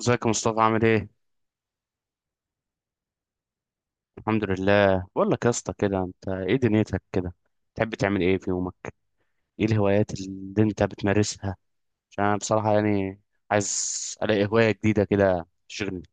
ازيك يا مصطفى عامل ايه؟ الحمد لله، بقول لك يا اسطى كده انت ايه دنيتك كده؟ تحب تعمل ايه في يومك؟ ايه الهوايات اللي انت بتمارسها؟ عشان انا بصراحة يعني عايز الاقي هواية جديدة كده تشغلني.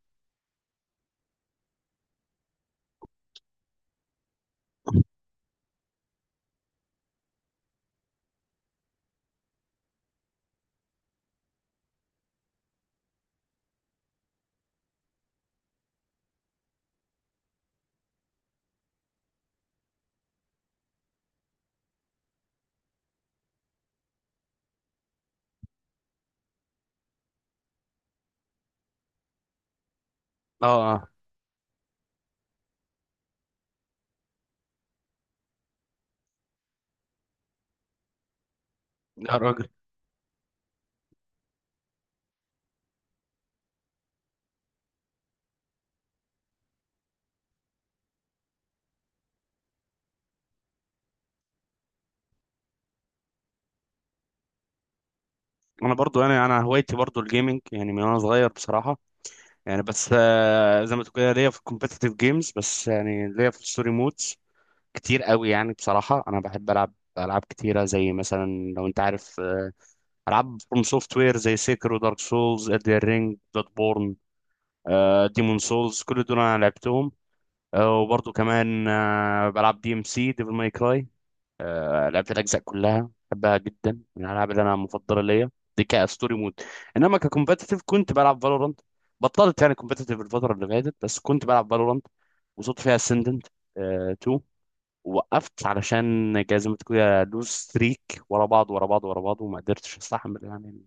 اه اه. يا راجل. انا برضو يعني انا هوايتي برضو الجيمنج يعني من وانا صغير بصراحة. يعني بس زي ما تقول كده ليا في الكومبيتيتيف جيمز، بس يعني ليا في الستوري مودز كتير قوي، يعني بصراحة انا بحب العب العاب كتيرة زي مثلا، لو انت عارف العاب فروم سوفت وير زي سيكرو دارك سولز ادر رينج بلاد بورن ديمون سولز، كل دول انا لعبتهم. وبرضه كمان بلعب دي ام سي ديفل ماي كراي، لعبت الاجزاء كلها، بحبها جدا، من الالعاب اللي انا مفضله ليا. دي كستوري مود. انما ككومبتيتيف كنت بلعب فالورانت، بطلت يعني كومبتيتيف الفتره اللي فاتت، بس كنت بلعب فالورانت وصلت فيها اسندنت 2. وقفت علشان جزمة كده لوز ستريك ورا بعض ورا بعض ورا بعض، وما قدرتش استحمل يعني ان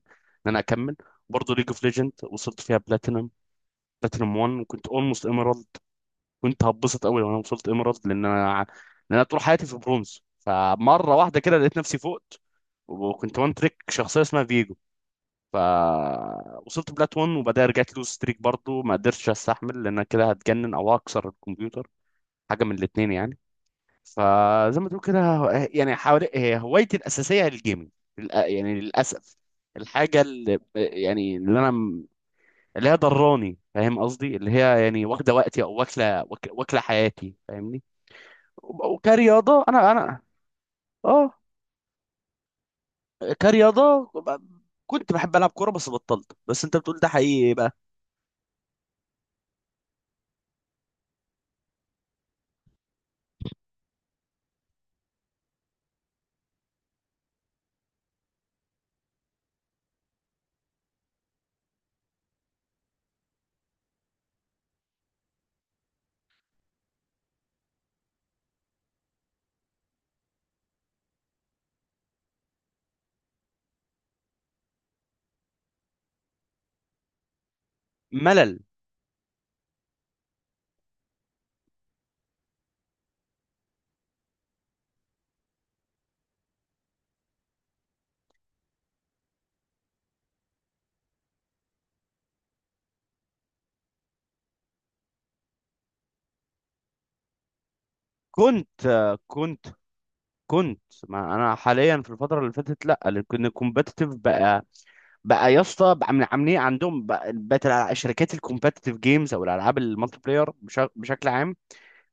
انا اكمل. برضه ليج اوف ليجند وصلت فيها بلاتينم، بلاتينم 1، وكنت اولموست ايميرالد، كنت هتبسط قوي لو انا وصلت ايميرالد، لان انا، لان انا طول حياتي في برونز، فمره واحده كده لقيت نفسي فوقت، وكنت وان تريك شخصيه اسمها فيجو، فوصلت بلات 1، وبعدها رجعت لوز ستريك برضه، ما قدرتش استحمل، لان انا كده هتجنن او هكسر الكمبيوتر، حاجه من الاثنين يعني. فزي ما تقول كده يعني حوالي، هي هوايتي الاساسيه هي الجيمنج. يعني للاسف، الحاجه اللي يعني اللي انا م- اللي هي ضراني، فاهم قصدي، اللي هي يعني واخده وقتي، او واكله حياتي فاهمني. وكرياضه انا انا. اه. كرياضه ب- كنت بحب العب كوره بس بطلت، بس انت بتقول ده حقيقي ايه بقى؟ ملل. كنت كنت كنت، ما انا حاليا في الفتره اللي فاتت لا. لان الكومبتيتيف بقى، بقى يا اسطى، بقى عاملين عندهم، بقى بقت شركات الكومبتيتيف جيمز او الالعاب المالتي بلاير بشكل عام،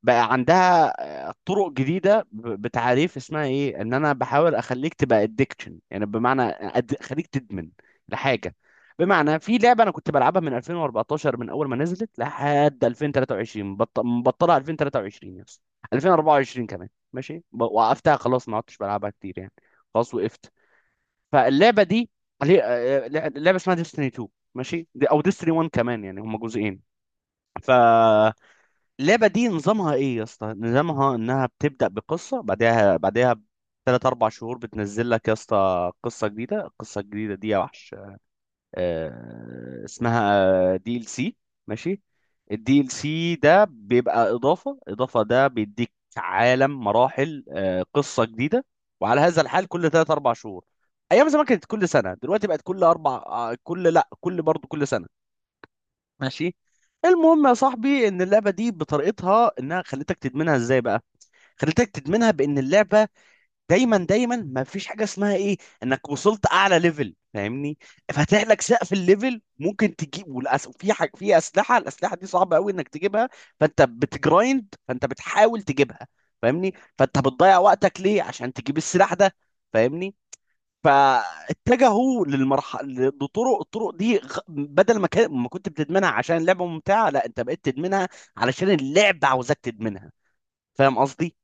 بقى عندها طرق جديده، بتعريف اسمها ايه، ان انا بحاول اخليك تبقى ادكشن، يعني بمعنى خليك تدمن لحاجه. بمعنى في لعبه انا كنت بلعبها من 2014، من اول ما نزلت، لحد 2023، مبطلها 2023 يا اسطى، 2024 كمان ماشي، وقفتها خلاص، ما عدتش بلعبها كتير يعني، خلاص وقفت. فاللعبه دي عليه، لعبه اسمها ديستني 2 ماشي، دي او ديستني 1 كمان، يعني هما جزئين. فاللعبه دي نظامها ايه يا اسطى؟ نظامها انها بتبدا بقصه، بعدها بثلاث اربع شهور بتنزل لك يا اسطى قصه جديده. القصه الجديده دي يا وحش اسمها دي ال سي ماشي. الدي ال سي ده بيبقى اضافه، ده بيديك عالم مراحل، قصه جديده، وعلى هذا الحال كل 3 4 شهور. ايام زمان كانت كل سنه، دلوقتي بقت كل اربع، آه، كل لا كل برضه كل سنه ماشي. المهم يا صاحبي ان اللعبه دي بطريقتها انها خلتك تدمنها ازاي بقى؟ خلتك تدمنها بان اللعبه دايما دايما، ما فيش حاجه اسمها ايه، انك وصلت اعلى ليفل فاهمني، فاتح لك سقف الليفل ممكن تجيب، في حاجه، في اسلحه، الاسلحه دي صعبه قوي انك تجيبها، فانت بتجرايند، فانت بتحاول تجيبها فاهمني، فانت بتضيع وقتك ليه؟ عشان تجيب السلاح ده فاهمني. فاتجهوا للمرحله، لطرق، الطرق دي بدل ما كان ما كنت بتدمنها عشان اللعبه ممتعه، لا انت بقيت تدمنها علشان اللعبه عاوزاك تدمنها، فاهم قصدي؟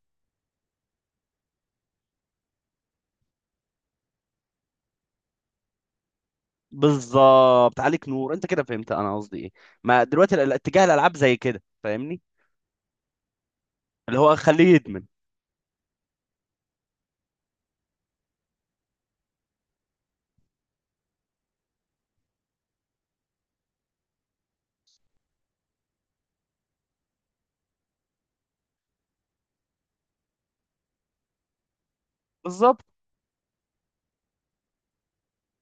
بالظبط عليك نور، انت كده فهمت انا قصدي ايه. ما دلوقتي اتجاه الالعاب زي كده فاهمني، اللي هو خليه يدمن. بالظبط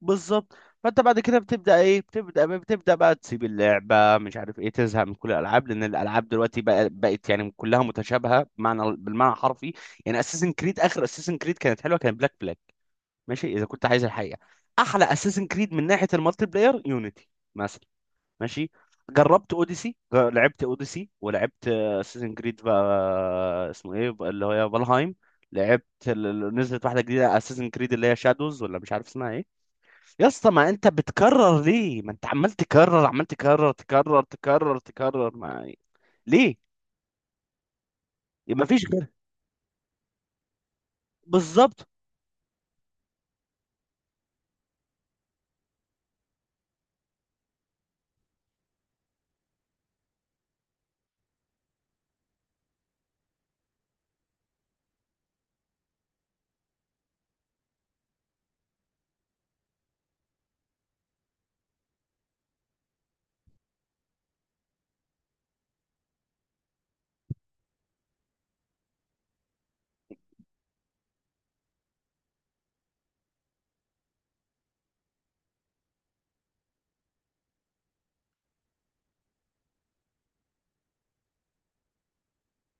بالظبط. فانت بعد كده بتبدا بتبدا بقى تسيب اللعبه، مش عارف ايه، تزهق من كل الالعاب، لان الالعاب دلوقتي بقى بقت يعني كلها متشابهه، بمعنى بالمعنى الحرفي. يعني اساسن كريد، اخر اساسن كريد كانت حلوه، كانت بلاك، ماشي، اذا كنت عايز الحقيقه احلى اساسن كريد من ناحيه المالتي بلاير يونيتي مثلا، ماشي. جربت اوديسي، لعبت اوديسي، ولعبت اساسن كريد بقى اسمه ايه بقى، اللي هي فالهايم. لعبت نزلت واحده جديده اساسن كريد اللي هي شادوز، ولا مش عارف اسمها ايه. يا اسطى ما انت بتكرر ليه؟ ما انت عمال تكرر تكرر، ما ليه؟ ما فيش غير. بالظبط.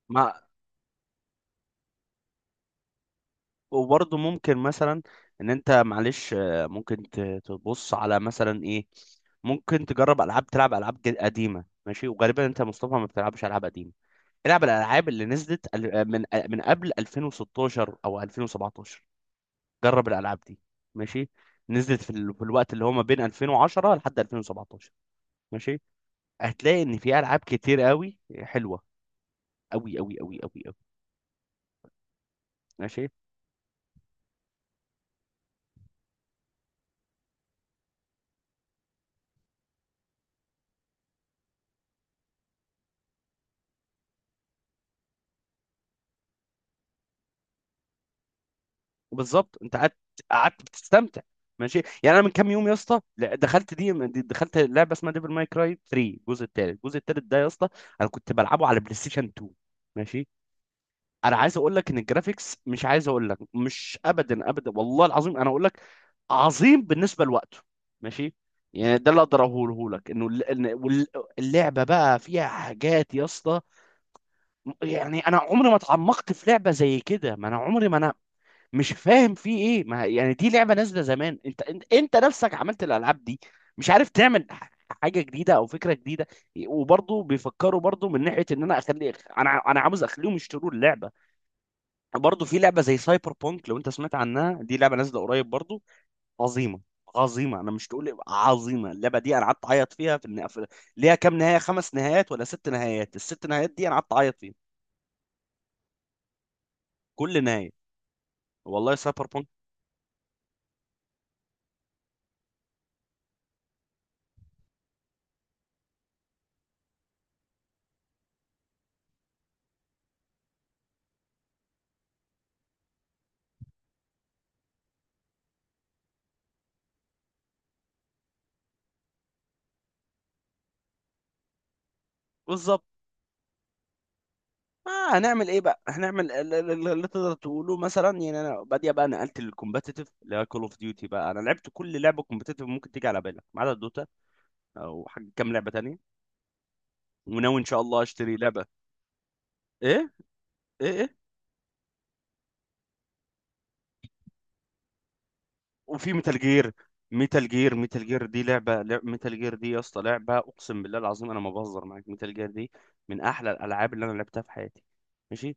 ما وبرضه ممكن مثلا ان انت معلش تبص على مثلا ايه، ممكن تجرب العاب، تلعب العاب قديمه ماشي، وغالبا انت يا مصطفى ما بتلعبش العاب قديمه. العب الالعاب اللي نزلت من قبل 2016 او 2017، جرب الالعاب دي ماشي. نزلت في الوقت اللي هو ما بين 2010 لحد 2017 ماشي، هتلاقي ان في العاب كتير قوي حلوه، قوي قوي قوي قوي قوي ماشي. بالظبط انت قعدت، بتستمتع ماشي. يعني انا من كام يوم يا اسطى دخلت لعبه اسمها ديفل ماي كراي 3، الجزء الثالث، الجزء الثالث ده يا اسطى انا كنت بلعبه على بلاي ستيشن 2 ماشي. انا عايز اقول لك ان الجرافيكس، مش عايز اقول لك، مش ابدا ابدا والله العظيم، انا اقول لك عظيم بالنسبه لوقته ماشي. يعني ده اللي اقدر اقوله لك، انه ال- إن- وال- اللعبه بقى فيها حاجات يا اسطى، يعني انا عمري ما اتعمقت في لعبه زي كده. ما انا عمري ما انا مش فاهم فيه ايه، ما يعني دي لعبه نازله زمان، انت نفسك عملت الالعاب دي، مش عارف تعمل حاجه جديده او فكره جديده. وبرضه بيفكروا برضه من ناحيه ان انا اخلي، انا عاوز اخليهم يشتروا اللعبه. برضه في لعبه زي سايبر بونك لو انت سمعت عنها، دي لعبه نازله قريب برضه، عظيمه، عظيمه انا مش تقول عظيمه، اللعبه دي انا قعدت اعيط فيها في النهايه، ليها كام نهايه، خمس نهايات ولا ست نهايات، الست نهايات دي انا قعدت اعيط فيها كل نهايه. والله سايبر بونك. بالظبط. آه هنعمل ايه بقى، هنعمل اللي تقدر تقوله مثلا، يعني انا بادية بقى نقلت للكومبتيتيف اللي هي كول اوف ديوتي بقى، انا لعبت كل لعبه كومبتيتيف ممكن تيجي على بالك ما عدا دوتا او حاجه، كام لعبه تانية، وناوي ان شاء الله اشتري لعبه. ايه ايه ايه. وفي ميتال جير، ميتال جير، ميتال جير دي يا اسطى لعبه، اقسم بالله العظيم انا ما بهزر معاك، ميتال جير دي من احلى الالعاب اللي انا لعبتها في حياتي ماشي.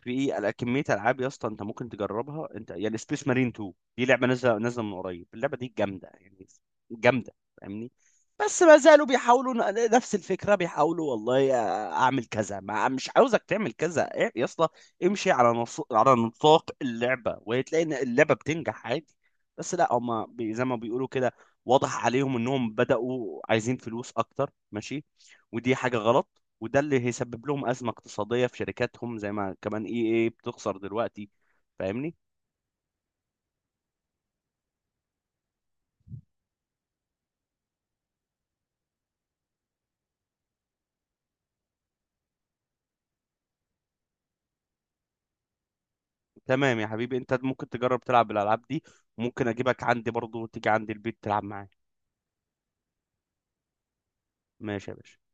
في على كميه العاب يا اسطى انت ممكن تجربها، انت يعني سبيس مارين 2، دي لعبه نازله، نازله من قريب، اللعبه دي جامده يعني، جامده فاهمني، بس ما زالوا بيحاولوا نفس الفكره، بيحاولوا والله اعمل كذا، ما مش عاوزك تعمل كذا، إيه يا اسطى، امشي على على نطاق اللعبه، وهتلاقي ان اللعبه بتنجح عادي. بس لا هما زي ما بيقولوا كده، واضح عليهم انهم بداوا عايزين فلوس اكتر ماشي، ودي حاجه غلط، وده اللي هيسبب لهم أزمة اقتصادية في شركاتهم زي ما كمان اي اي بتخسر دلوقتي فاهمني. تمام يا حبيبي، انت ممكن تجرب تلعب بالألعاب دي، ممكن اجيبك عندي برضو، وتيجي عندي البيت تلعب معايا. ماشي يا باشا.